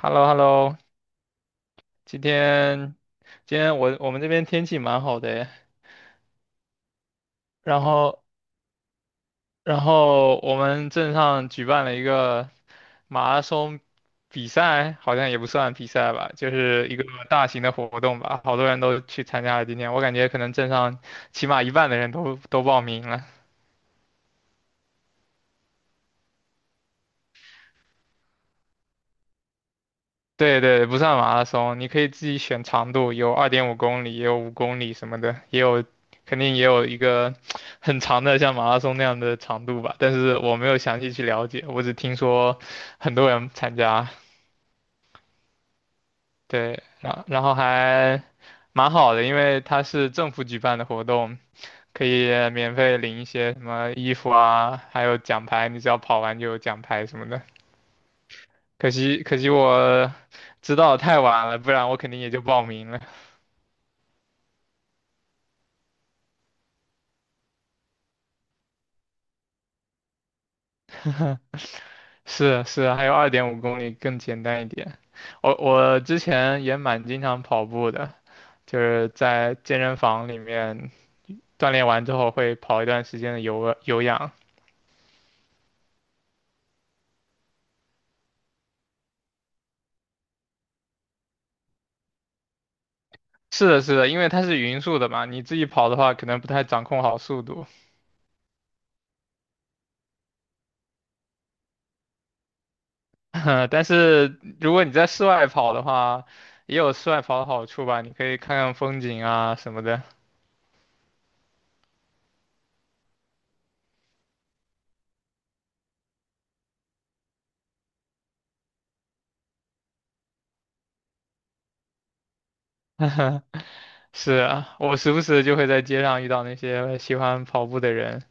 Hello hello。 今天今天我们这边天气蛮好的诶。然后然后我们镇上举办了一个马拉松比赛，好像也不算比赛吧，就是一个大型的活动吧，好多人都去参加了今天，我感觉可能镇上起码一半的人都报名了。对对，不算马拉松，你可以自己选长度，有二点五公里，也有五公里什么的，也有，肯定也有一个 很长的像马拉松那样的长度吧。但是我没有详细去了解，我只听说很多人参加，对，然后还蛮好的，因为它是政府举办的活动，可以免费领一些什么衣服啊，还有奖牌，你只要跑完就有奖牌什么的。可惜我知道得太晚了，不然我肯定也就报名了。是是，还有二点五公里更简单一点。我之前也蛮经常跑步的，就是在健身房里面锻炼完之后会跑一段时间的有氧。是的，是的，因为它是匀速的嘛，你自己跑的话可能不太掌控好速度。但是如果你在室外跑的话，也有室外跑的好处吧，你可以看看风景啊什么的。是啊，我时不时就会在街上遇到那些喜欢跑步的人。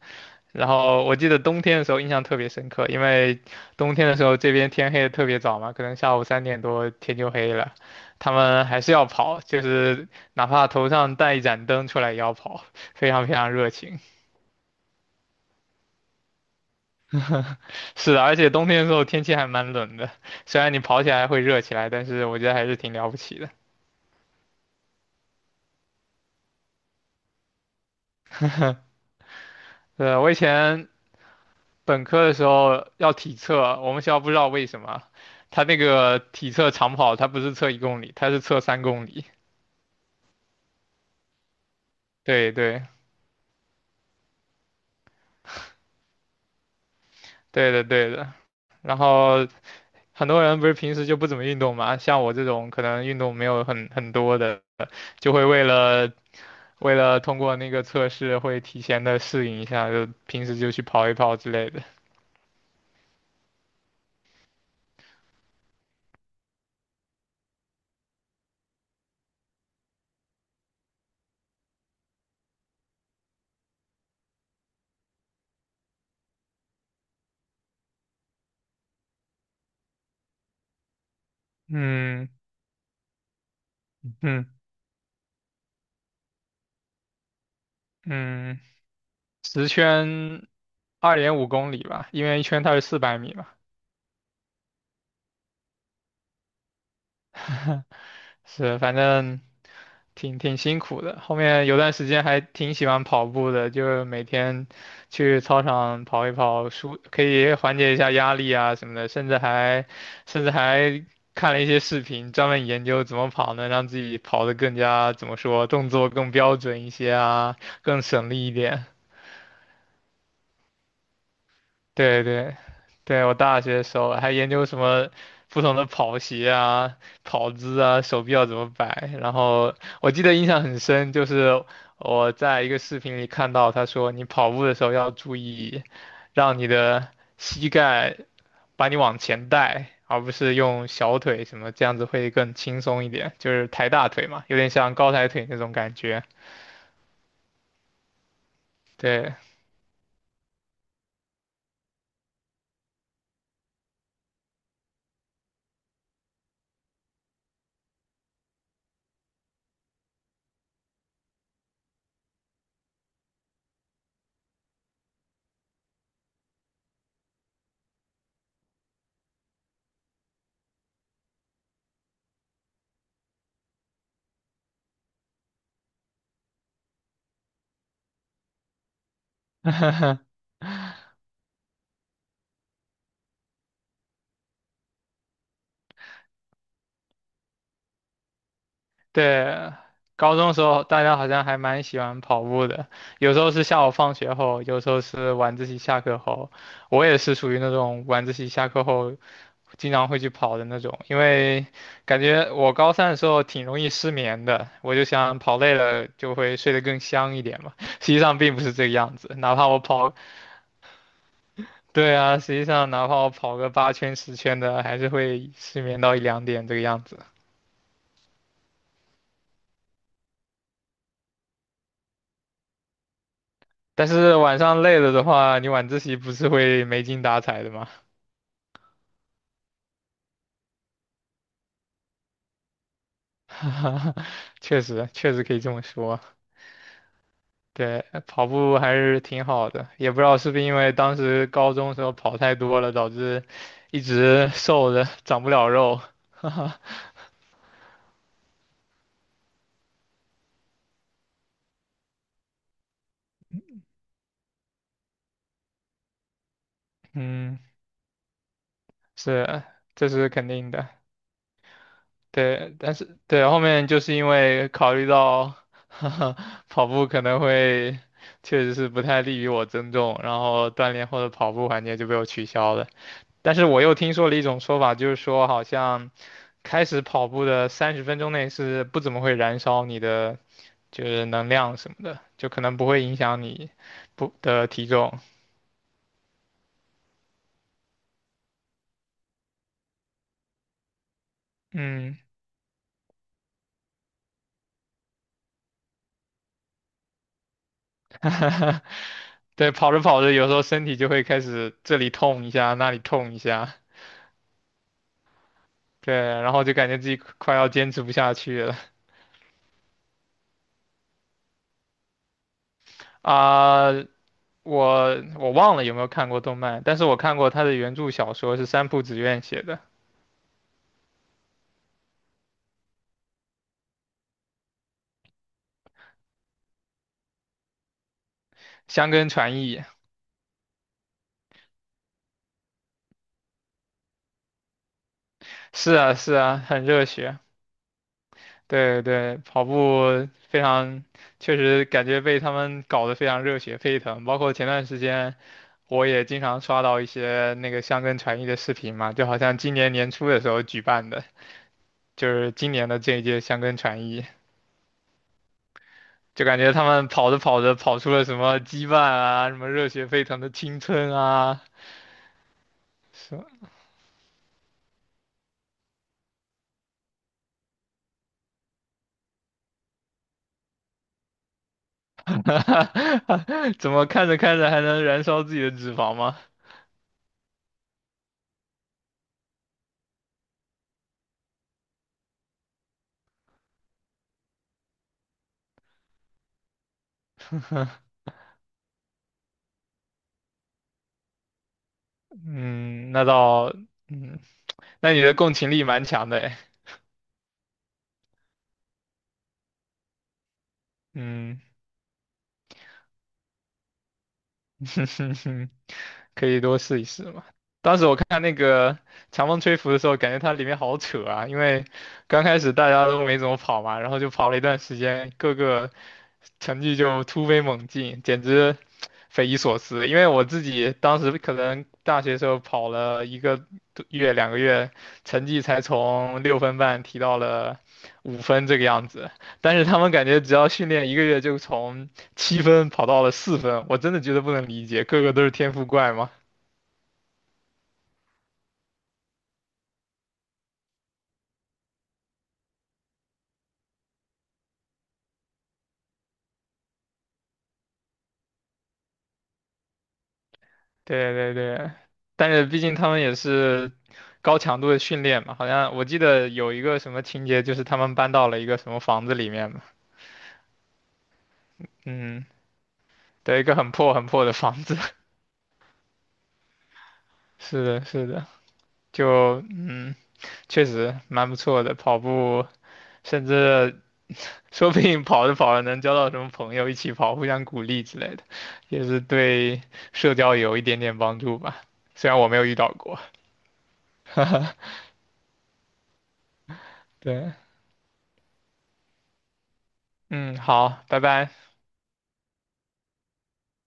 然后我记得冬天的时候印象特别深刻，因为冬天的时候这边天黑的特别早嘛，可能下午三点多天就黑了，他们还是要跑，就是哪怕头上带一盏灯出来也要跑，非常非常热情。是的，而且冬天的时候天气还蛮冷的，虽然你跑起来会热起来，但是我觉得还是挺了不起的。我以前本科的时候要体测，我们学校不知道为什么，他那个体测长跑，他不是测1公里，他是测3公里。对对。对的，对的。然后很多人不是平时就不怎么运动嘛，像我这种可能运动没有很多的，就会为了通过那个测试，会提前的适应一下，就平时就去跑一跑之类的。嗯嗯嗯。嗯。十圈二点五公里吧，因为1圈它是400米嘛。是，反正挺辛苦的。后面有段时间还挺喜欢跑步的，就是每天去操场跑一跑，舒可以缓解一下压力啊什么的，甚至还看了一些视频，专门研究怎么跑能让自己跑得更加怎么说，动作更标准一些啊，更省力一点。对对对，我大学的时候还研究什么不同的跑鞋啊、跑姿啊、手臂要怎么摆。然后我记得印象很深，就是我在一个视频里看到他说，你跑步的时候要注意，让你的膝盖把你往前带，而不是用小腿什么，这样子会更轻松一点，就是抬大腿嘛，有点像高抬腿那种感觉。对。对，高中的时候大家好像还蛮喜欢跑步的，有时候是下午放学后，有时候是晚自习下课后。我也是属于那种晚自习下课后经常会去跑的那种，因为感觉我高三的时候挺容易失眠的，我就想跑累了就会睡得更香一点嘛。实际上并不是这个样子，哪怕我跑，对啊，实际上哪怕我跑个8圈10圈的，还是会失眠到一两点这个样子。但是晚上累了的话，你晚自习不是会没精打采的吗？确实，确实可以这么说。对，跑步还是挺好的，也不知道是不是因为当时高中时候跑太多了，导致一直瘦着长不了肉。嗯。是。这是肯定的。对，但是对后面就是因为考虑到 跑步可能会确实是不太利于我增重，然后锻炼后的跑步环节就被我取消了。但是我又听说了一种说法，就是说好像开始跑步的30分钟内是不怎么会燃烧你的就是能量什么的，就可能不会影响你不的体重。嗯。对，跑着跑着有时候身体就会开始这里痛一下，那里痛一下，对，然后就感觉自己快要坚持不下去了。啊。我忘了有没有看过动漫，但是我看过他的原著小说是三浦紫苑写的《香根传译》。是啊，是啊，很热血。对对，跑步非常，确实感觉被他们搞得非常热血沸腾。包括前段时间，我也经常刷到一些那个箱根传艺的视频嘛，就好像今年年初的时候举办的，就是今年的这一届箱根传艺，就感觉他们跑着跑着跑出了什么羁绊啊，什么热血沸腾的青春啊，什么 怎么看着看着还能燃烧自己的脂肪吗？嗯。那倒。嗯。那你的共情力蛮强的诶。嗯。可以多试一试嘛。当时我看那个《强风吹拂》的时候，感觉它里面好扯啊，因为刚开始大家都没怎么跑嘛，然后就跑了一段时间，各个成绩就突飞猛进，简直匪夷所思，因为我自己当时可能大学时候跑了一个多月、两个月，成绩才从6分半提到了5分这个样子，但是他们感觉只要训练一个月就从7分跑到了4分，我真的觉得不能理解，个个都是天赋怪嘛。对对对，但是毕竟他们也是高强度的训练嘛，好像我记得有一个什么情节，就是他们搬到了一个什么房子里面嘛，嗯，对，一个很破很破的房子，是的，是的。就确实蛮不错的，跑步甚至说不定跑着跑着能交到什么朋友，一起跑，互相鼓励之类的，也是对社交有一点点帮助吧。虽然我没有遇到过。对，嗯，好，拜拜。